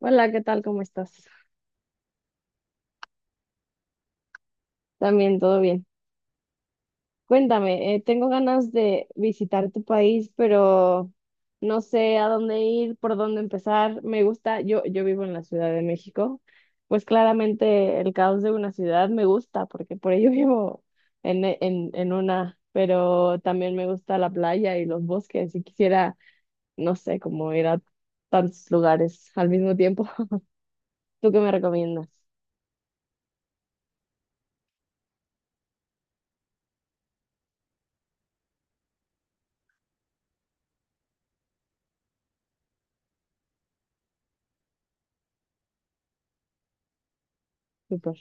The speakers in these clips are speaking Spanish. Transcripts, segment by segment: Hola, ¿qué tal? ¿Cómo estás? También, todo bien. Cuéntame, tengo ganas de visitar tu país, pero no sé a dónde ir, por dónde empezar. Me gusta, yo vivo en la Ciudad de México, pues claramente el caos de una ciudad me gusta, porque por ello vivo en una, pero también me gusta la playa y los bosques y quisiera, no sé, como ir a tantos lugares al mismo tiempo. ¿Tú qué me recomiendas? Súper.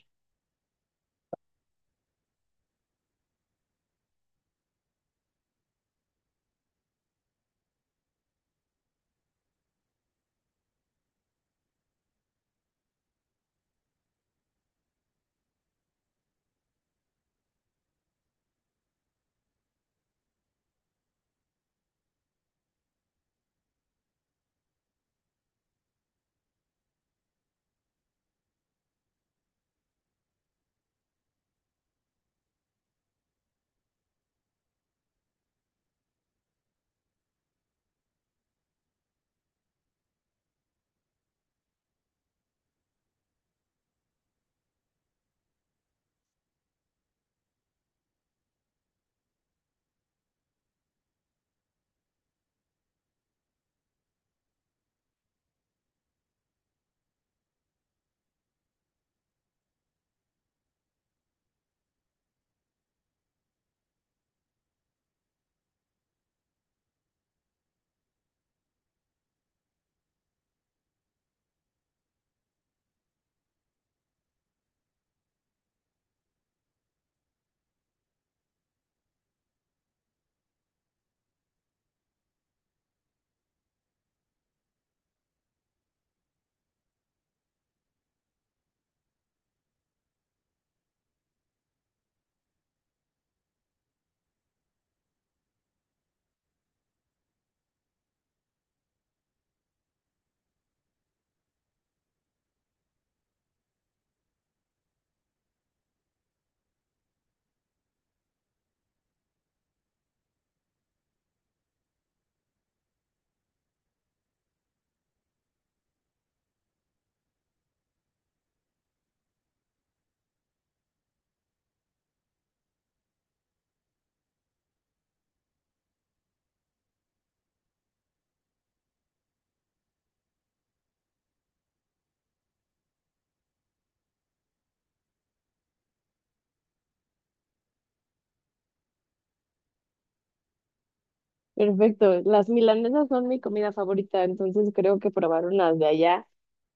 Perfecto. Las milanesas son mi comida favorita, entonces creo que probar unas de allá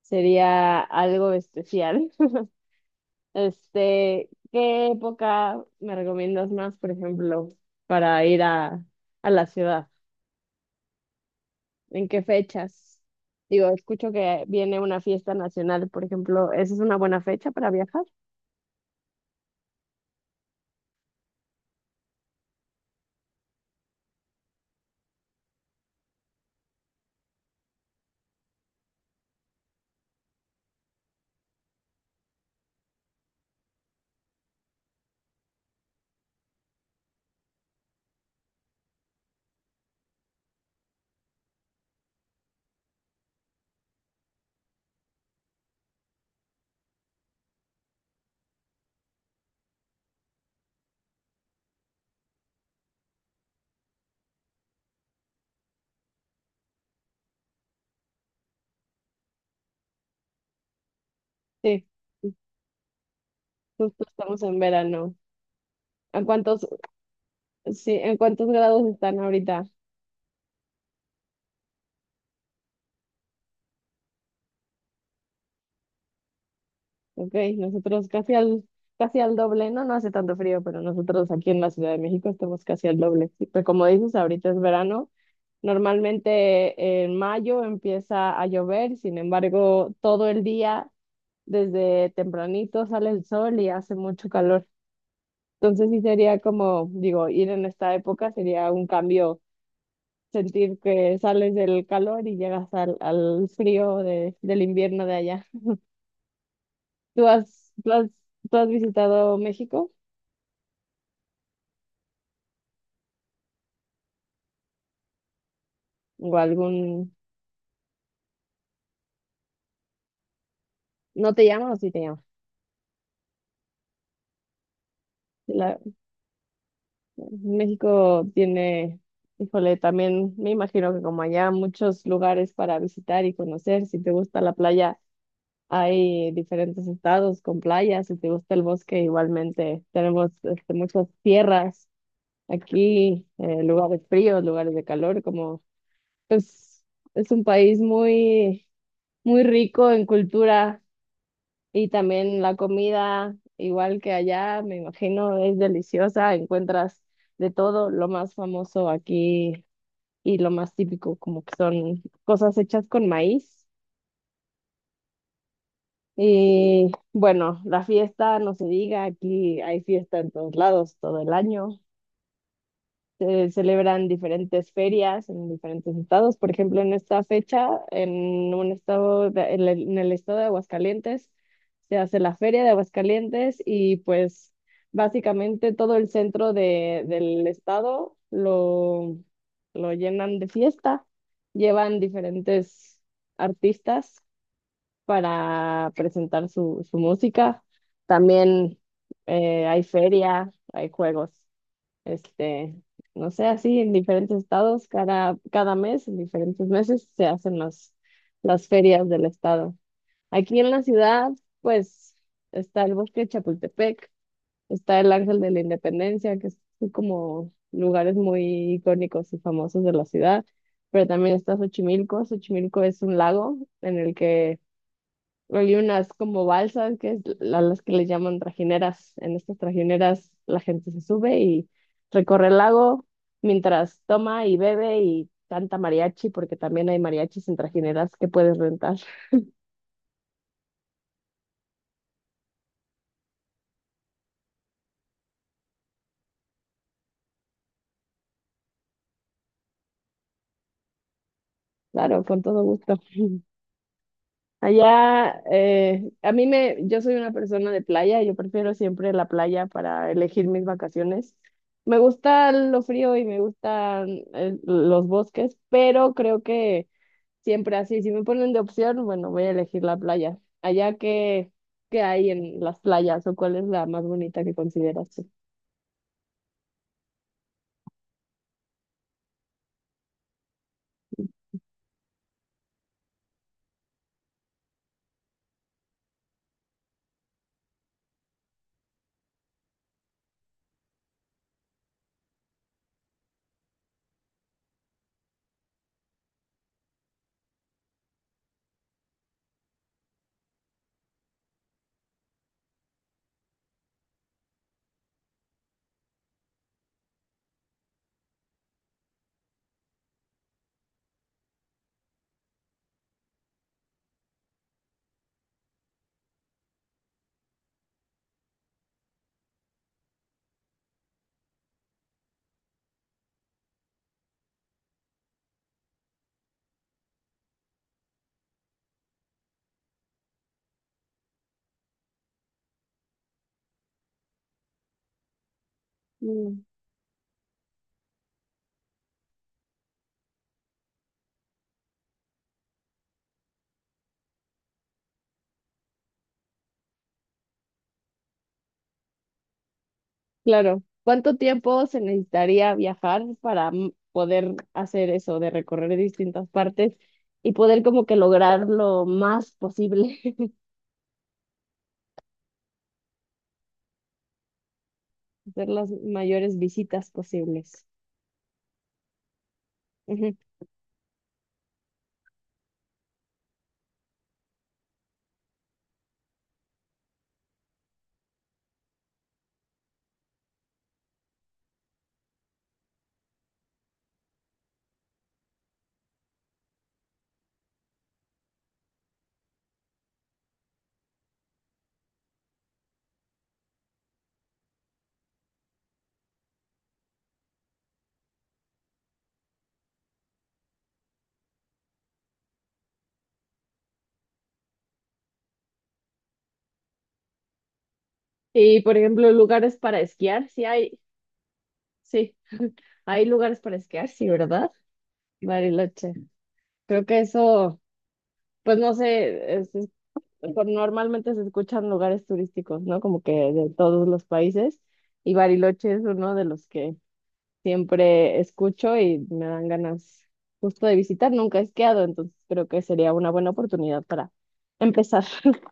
sería algo especial. Este, ¿qué época me recomiendas más, por ejemplo, para ir a la ciudad? ¿En qué fechas? Digo, escucho que viene una fiesta nacional, por ejemplo, ¿esa es una buena fecha para viajar? Sí, justo estamos en verano. ¿En cuántos, sí, en cuántos grados están ahorita? Ok, nosotros casi al doble, no, no hace tanto frío, pero nosotros aquí en la Ciudad de México estamos casi al doble. Sí, pero como dices, ahorita es verano. Normalmente en mayo empieza a llover, sin embargo, todo el día, desde tempranito sale el sol y hace mucho calor. Entonces sí sería como, digo, ir en esta época sería un cambio, sentir que sales del calor y llegas al frío del invierno de allá. ¿Tú has, tú has, tú has visitado México? ¿O algún? ¿No te llaman o sí te llaman? La- México tiene, híjole, también me imagino que como allá muchos lugares para visitar y conocer. Si te gusta la playa, hay diferentes estados con playas. Si te gusta el bosque, igualmente tenemos este, muchas tierras aquí, lugares fríos, lugares de calor, como pues es un país muy rico en cultura. Y también la comida, igual que allá, me imagino, es deliciosa. Encuentras de todo, lo más famoso aquí y lo más típico, como que son cosas hechas con maíz. Y bueno, la fiesta, no se diga, aquí hay fiesta en todos lados todo el año. Se celebran diferentes ferias en diferentes estados. Por ejemplo, en esta fecha, en un en el estado de Aguascalientes, se hace la Feria de Aguascalientes y pues básicamente todo el centro del lo llenan de fiesta. Llevan diferentes artistas para presentar su música. También hay feria, hay juegos este, no sé, así en diferentes estados, cada mes, en diferentes meses, se hacen las ferias del estado. Aquí en la ciudad, pues, está el Bosque de Chapultepec, está el Ángel de la Independencia, que son como lugares muy icónicos y famosos de la ciudad, pero también está Xochimilco. Xochimilco es un lago en el que hay unas como balsas, las que le llaman trajineras. En estas trajineras la gente se sube y recorre el lago mientras toma y bebe y canta mariachi, porque también hay mariachis en trajineras que puedes rentar. Claro, con todo gusto. Allá, yo soy una persona de playa, yo prefiero siempre la playa para elegir mis vacaciones. Me gusta lo frío y me gustan los bosques, pero creo que siempre así, si me ponen de opción, bueno, voy a elegir la playa. Allá qué hay en las playas, ¿o cuál es la más bonita que consideras tú? Mm, claro. ¿Cuánto tiempo se necesitaría viajar para poder hacer eso, de recorrer distintas partes y poder como que lograr lo más posible, hacer las mayores visitas posibles? Ujú. Y por ejemplo, lugares para esquiar, sí, hay lugares para esquiar, sí, ¿verdad? Bariloche. Creo que eso. Pues no sé, normalmente se escuchan lugares turísticos, ¿no? Como que de todos los países. Y Bariloche es uno de los que siempre escucho y me dan ganas justo de visitar. Nunca he esquiado, entonces creo que sería una buena oportunidad para empezar.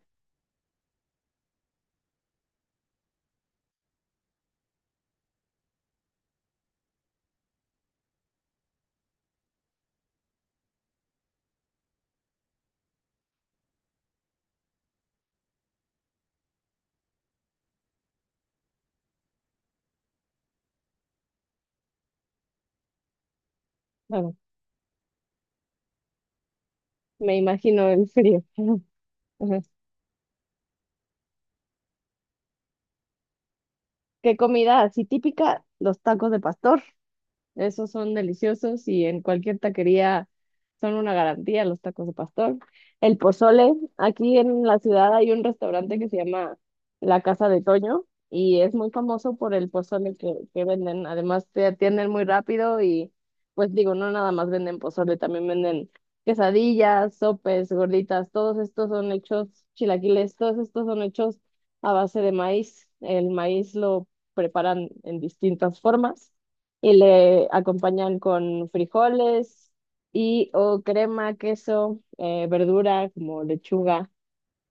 Bueno, me imagino el frío. Ajá. ¿Qué comida así típica? Los tacos de pastor. Esos son deliciosos y en cualquier taquería son una garantía los tacos de pastor. El pozole, aquí en la ciudad hay un restaurante que se llama La Casa de Toño y es muy famoso por el pozole que venden. Además te atienden muy rápido y pues digo, no nada más venden pozole, también venden quesadillas, sopes, gorditas, todos estos son hechos, chilaquiles, todos estos son hechos a base de maíz. El maíz lo preparan en distintas formas y le acompañan con frijoles y o crema, queso, verdura como lechuga,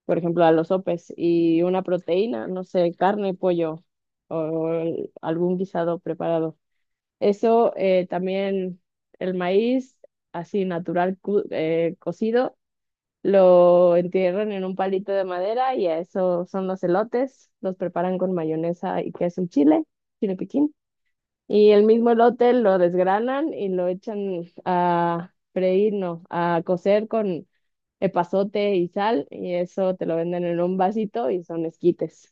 por ejemplo, a los sopes, y una proteína, no sé, carne, pollo algún guisado preparado. Eso también el maíz así cocido. Lo entierran en un palito de madera y a eso son los elotes. Los preparan con mayonesa y queso en chile, chile piquín, y el mismo elote lo desgranan y lo echan a freír, no, a cocer con epazote y sal, y eso te lo venden en un vasito y son esquites.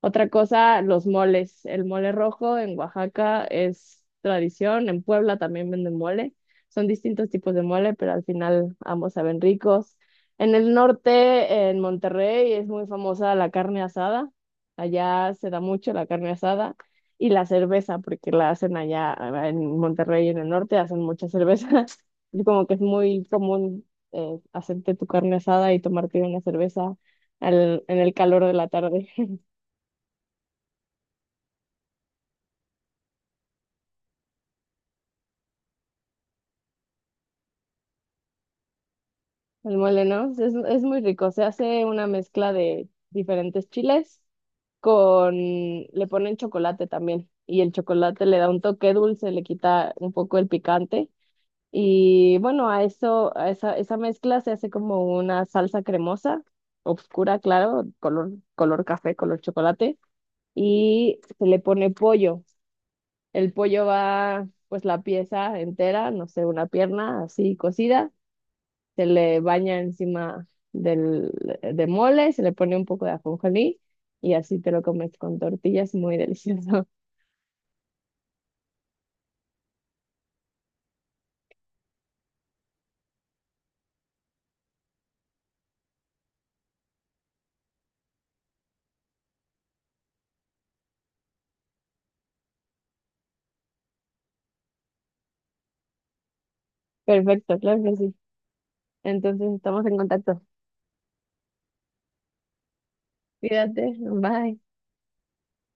Otra cosa, los moles. El mole rojo en Oaxaca es tradición, en Puebla también venden mole. Son distintos tipos de mole, pero al final ambos saben ricos. En el norte, en Monterrey, es muy famosa la carne asada. Allá se da mucho la carne asada y la cerveza, porque la hacen allá en Monterrey, en el norte, hacen mucha cerveza. Y como que es muy común hacerte tu carne asada y tomarte una cerveza en el calor de la tarde. El mole, ¿no? Es muy rico. Se hace una mezcla de diferentes chiles con, le ponen chocolate también. Y el chocolate le da un toque dulce, le quita un poco el picante. Y bueno, a eso, esa mezcla se hace como una salsa cremosa, oscura, claro, color café, color chocolate. Y se le pone pollo. El pollo va, pues la pieza entera, no sé, una pierna así cocida, se le baña encima del, de mole, se le pone un poco de ajonjolí y así te lo comes con tortillas, muy delicioso. Perfecto, claro que sí. Entonces estamos en contacto. Cuídate, bye.